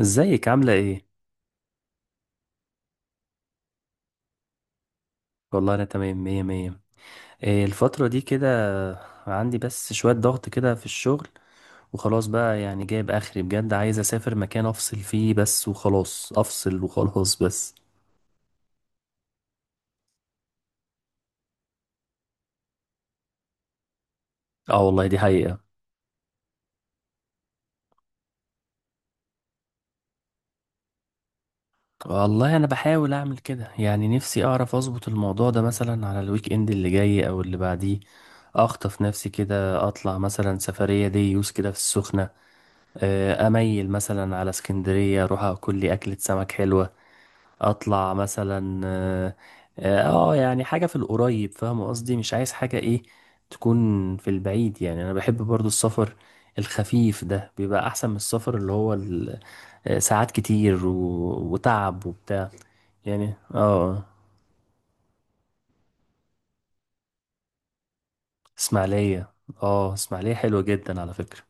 ازيك عاملة ايه؟ والله انا تمام مية مية. إيه الفترة دي كده؟ عندي بس شوية ضغط كده في الشغل. وخلاص بقى يعني جايب اخري بجد، عايز اسافر مكان افصل فيه بس وخلاص، افصل وخلاص بس. اه والله دي حقيقة. والله انا بحاول اعمل كده، يعني نفسي اعرف اظبط الموضوع ده مثلا على الويك اند اللي جاي او اللي بعديه. اخطف نفسي كده، اطلع مثلا سفرية دي يوز كده في السخنة. اميل مثلا على اسكندرية، اروح اكل لي اكلة سمك حلوة. اطلع مثلا اه يعني حاجة في القريب، فاهم قصدي؟ مش عايز حاجة ايه تكون في البعيد. يعني انا بحب برضو السفر الخفيف ده، بيبقى احسن من السفر اللي هو ساعات كتير وتعب وبتاع. يعني. اسماعيلية. اه اسماعيلية حلوة جدا على فكرة.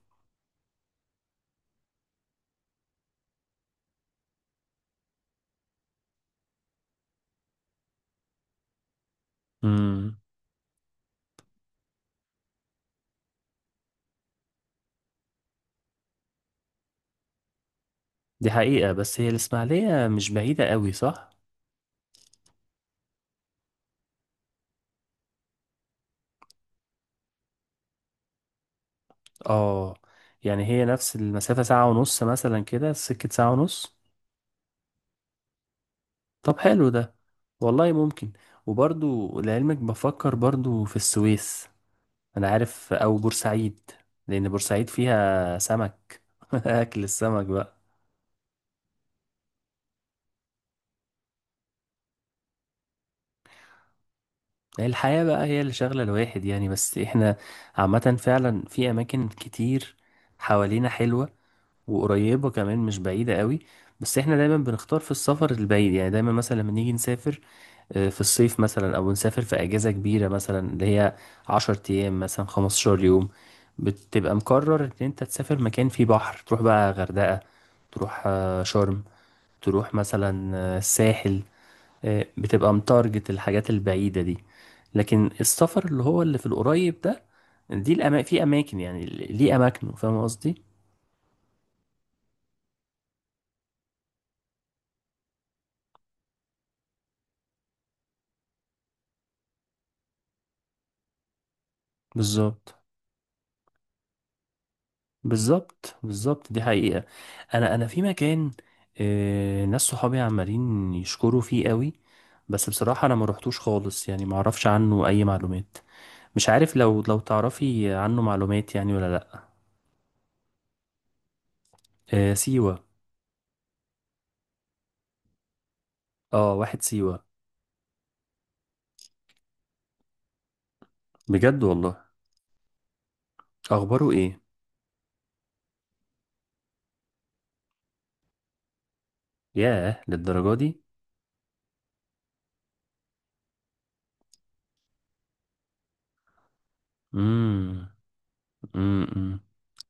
امم. دي حقيقة، بس هي الاسماعيلية مش بعيدة قوي، صح؟ اه. يعني هي نفس المسافة، ساعة ونص مثلا كده، سكة ساعة ونص. طب حلو ده. والله ممكن. وبرضو لعلمك بفكر برضو في السويس. انا عارف، او بورسعيد. لان بورسعيد فيها سمك. اكل السمك بقى. هي الحياة بقى هي اللي شغلة الواحد يعني، بس احنا عامة فعلا في اماكن كتير حوالينا حلوة، وقريبة كمان، مش بعيدة قوي. بس احنا دايما بنختار في السفر البعيد، يعني دايما مثلا لما نيجي نسافر في الصيف مثلا، او نسافر في اجازة كبيرة مثلا اللي هي 10 ايام مثلا، 15 يوم، بتبقى مقرر ان انت تسافر مكان فيه بحر، تروح بقى غردقة، تروح شرم، تروح مثلا الساحل. بتبقى متارجت الحاجات البعيدة دي. لكن السفر اللي هو اللي في القريب ده، دي في أماكن يعني، ليه أماكنه، فاهم قصدي؟ بالظبط، بالظبط، بالظبط، دي حقيقة. انا في مكان ناس صحابي عمالين يشكروا فيه قوي، بس بصراحة انا ما روحتوش خالص، يعني ما اعرفش عنه اي معلومات. مش عارف لو تعرفي عنه معلومات يعني، ولا لا. سيوة. اه واحد سيوة. بجد والله؟ اخباره ايه؟ ياه، للدرجة دي؟ امم، امم.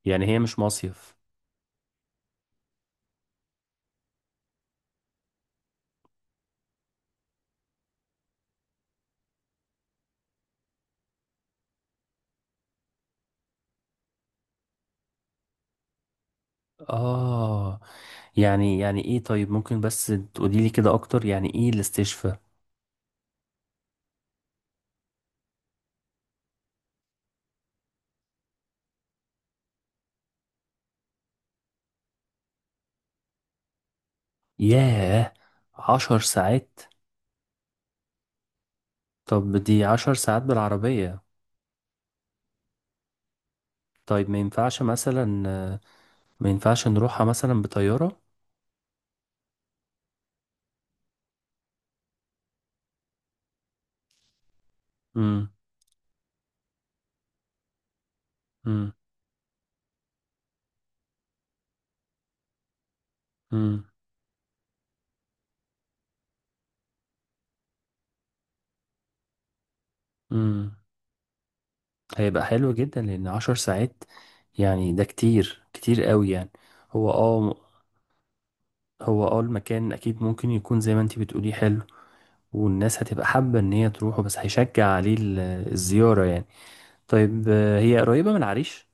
يعني هي مش مصيف. اه. يعني ايه، طيب؟ ممكن بس تقولي لي كده اكتر، يعني ايه الاستشفاء؟ ياه، 10 ساعات. طب دي 10 ساعات بالعربية. طيب ما ينفعش مثلا، ما ينفعش نروحها مثلا بطيارة. مم. مم. مم. مم. هيبقى حلو جدا، لأن 10 ساعات يعني، ده كتير كتير قوي يعني. هو اه هو المكان أكيد ممكن يكون زي ما انتي بتقولي حلو، والناس هتبقى حابة إن هي تروحه، بس هيشجع عليه الزيارة يعني. طيب هي قريبة من العريش؟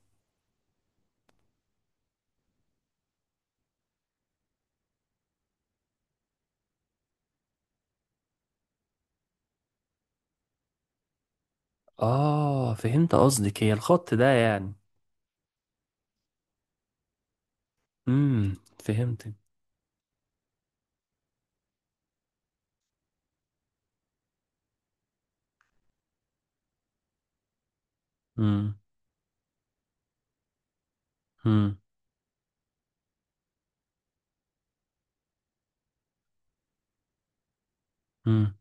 اه فهمت قصدك، هي الخط ده يعني. امم. فهمت. امم، امم، امم.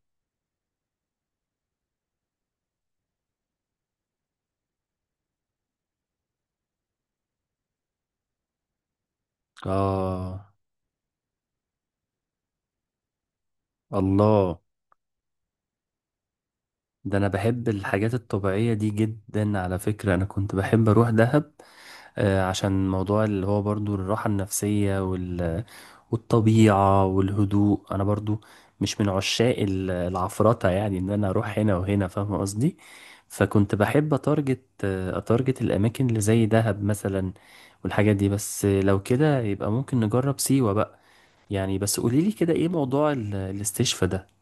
اه. الله، ده انا بحب الحاجات الطبيعية دي جدا على فكرة، انا كنت بحب اروح دهب. آه، عشان موضوع اللي هو برضو الراحة النفسية، والطبيعة والهدوء. انا برضو مش من عشاق العفرطة، يعني ان انا اروح هنا وهنا، فاهم قصدي؟ فكنت بحب اتارجت الاماكن اللي زي دهب مثلا والحاجات دي. بس لو كده يبقى ممكن نجرب سيوة بقى. يعني بس قولي لي كده ايه موضوع الاستشفاء ده.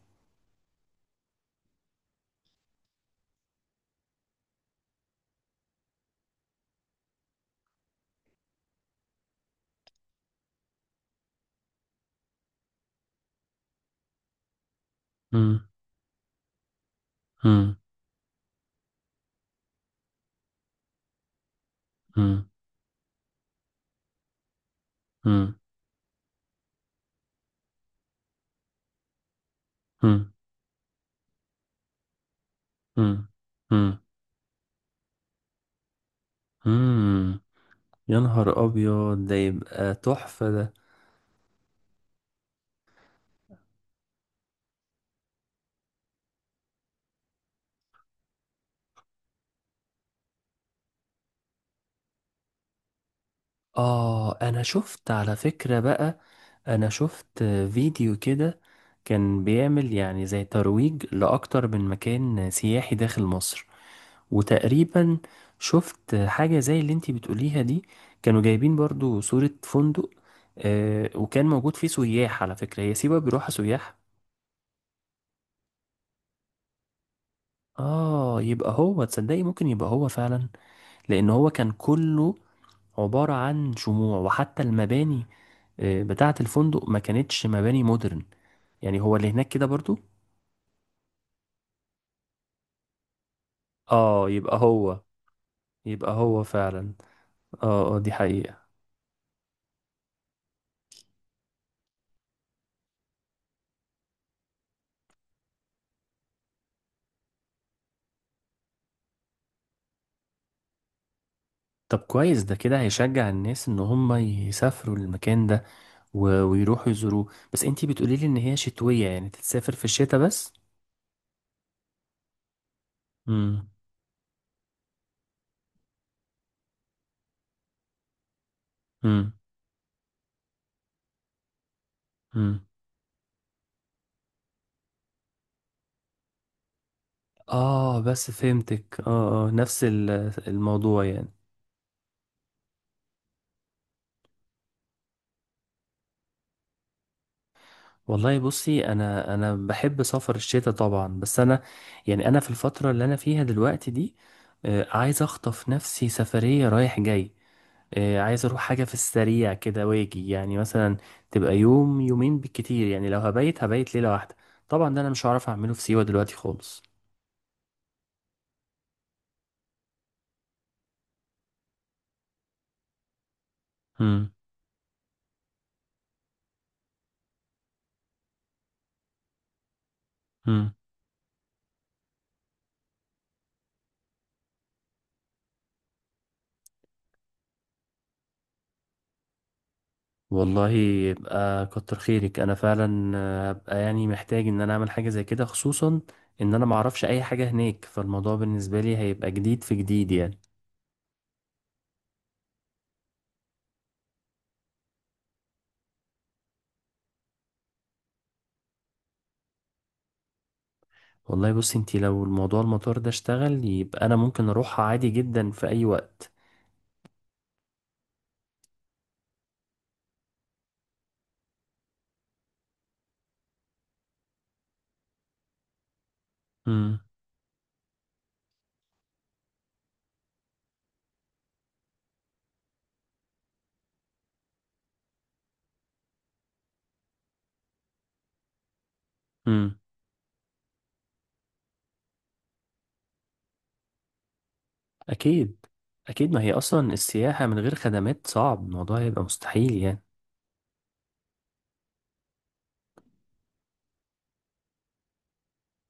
مم. مم. مم. مم. مم. مم. مم. مم. يا نهار ابيض، ده يبقى تحفة ده. اه انا شفت على فكرة بقى. انا شفت فيديو كده، كان بيعمل يعني زي ترويج لاكتر من مكان سياحي داخل مصر، وتقريبا شفت حاجة زي اللي انتي بتقوليها دي. كانوا جايبين برضو صورة فندق، آه، وكان موجود فيه سياح. على فكرة هي سيوة بيروحها سياح. اه، يبقى هو تصدقي ممكن يبقى هو فعلا، لان هو كان كله عبارة عن شموع، وحتى المباني بتاعة الفندق ما كانتش مباني مودرن. يعني هو اللي هناك كده برضو. اه، يبقى هو فعلا. اه دي حقيقة. طب كويس، ده كده هيشجع الناس ان هم يسافروا المكان ده ويروحوا يزوروه. بس انتي بتقولي لي ان هي شتوية، يعني تتسافر في الشتاء بس. امم، امم، امم. اه بس فهمتك. اه نفس الموضوع يعني. والله بصي انا بحب سفر الشتاء طبعا، بس انا يعني انا في الفترة اللي انا فيها دلوقتي دي عايز اخطف نفسي سفرية رايح جاي. عايز اروح حاجة في السريع كده واجي، يعني مثلا تبقى يوم يومين بالكتير، يعني لو هبيت هبيت ليلة واحدة. طبعا ده انا مش هعرف اعمله في سيوة دلوقتي خالص. هم. هم. والله يبقى كتر خيرك. انا فعلا هبقى يعني محتاج ان انا اعمل حاجة زي كده، خصوصا ان انا معرفش اي حاجة هناك، فالموضوع بالنسبة لي هيبقى جديد في جديد يعني. والله بصي انتي، لو الموضوع المطار ده اشتغل، يبقى انا ممكن اروحها عادي جدا في اي وقت. هم. اكيد، اكيد. ما هي اصلا السياحة من غير خدمات صعب، الموضوع هيبقى مستحيل يعني.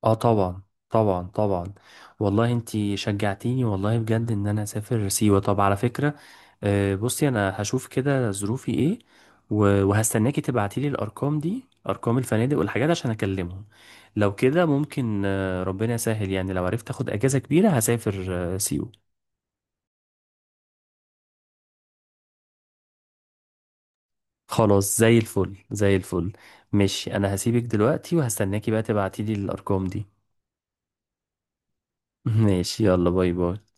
اه طبعا، طبعا، طبعا. والله انتي شجعتيني والله بجد ان انا اسافر سيوة. طب على فكرة بصي انا هشوف كده ظروفي ايه، وهستناكي تبعتيلي الارقام دي، ارقام الفنادق والحاجات عشان اكلمهم. لو كده ممكن ربنا يسهل، يعني لو عرفت اخد اجازة كبيرة هسافر سيوة. خلاص زي الفل، زي الفل. ماشي، انا هسيبك دلوقتي وهستناكي بقى تبعتيلي الارقام دي. ماشي، يلا باي باي.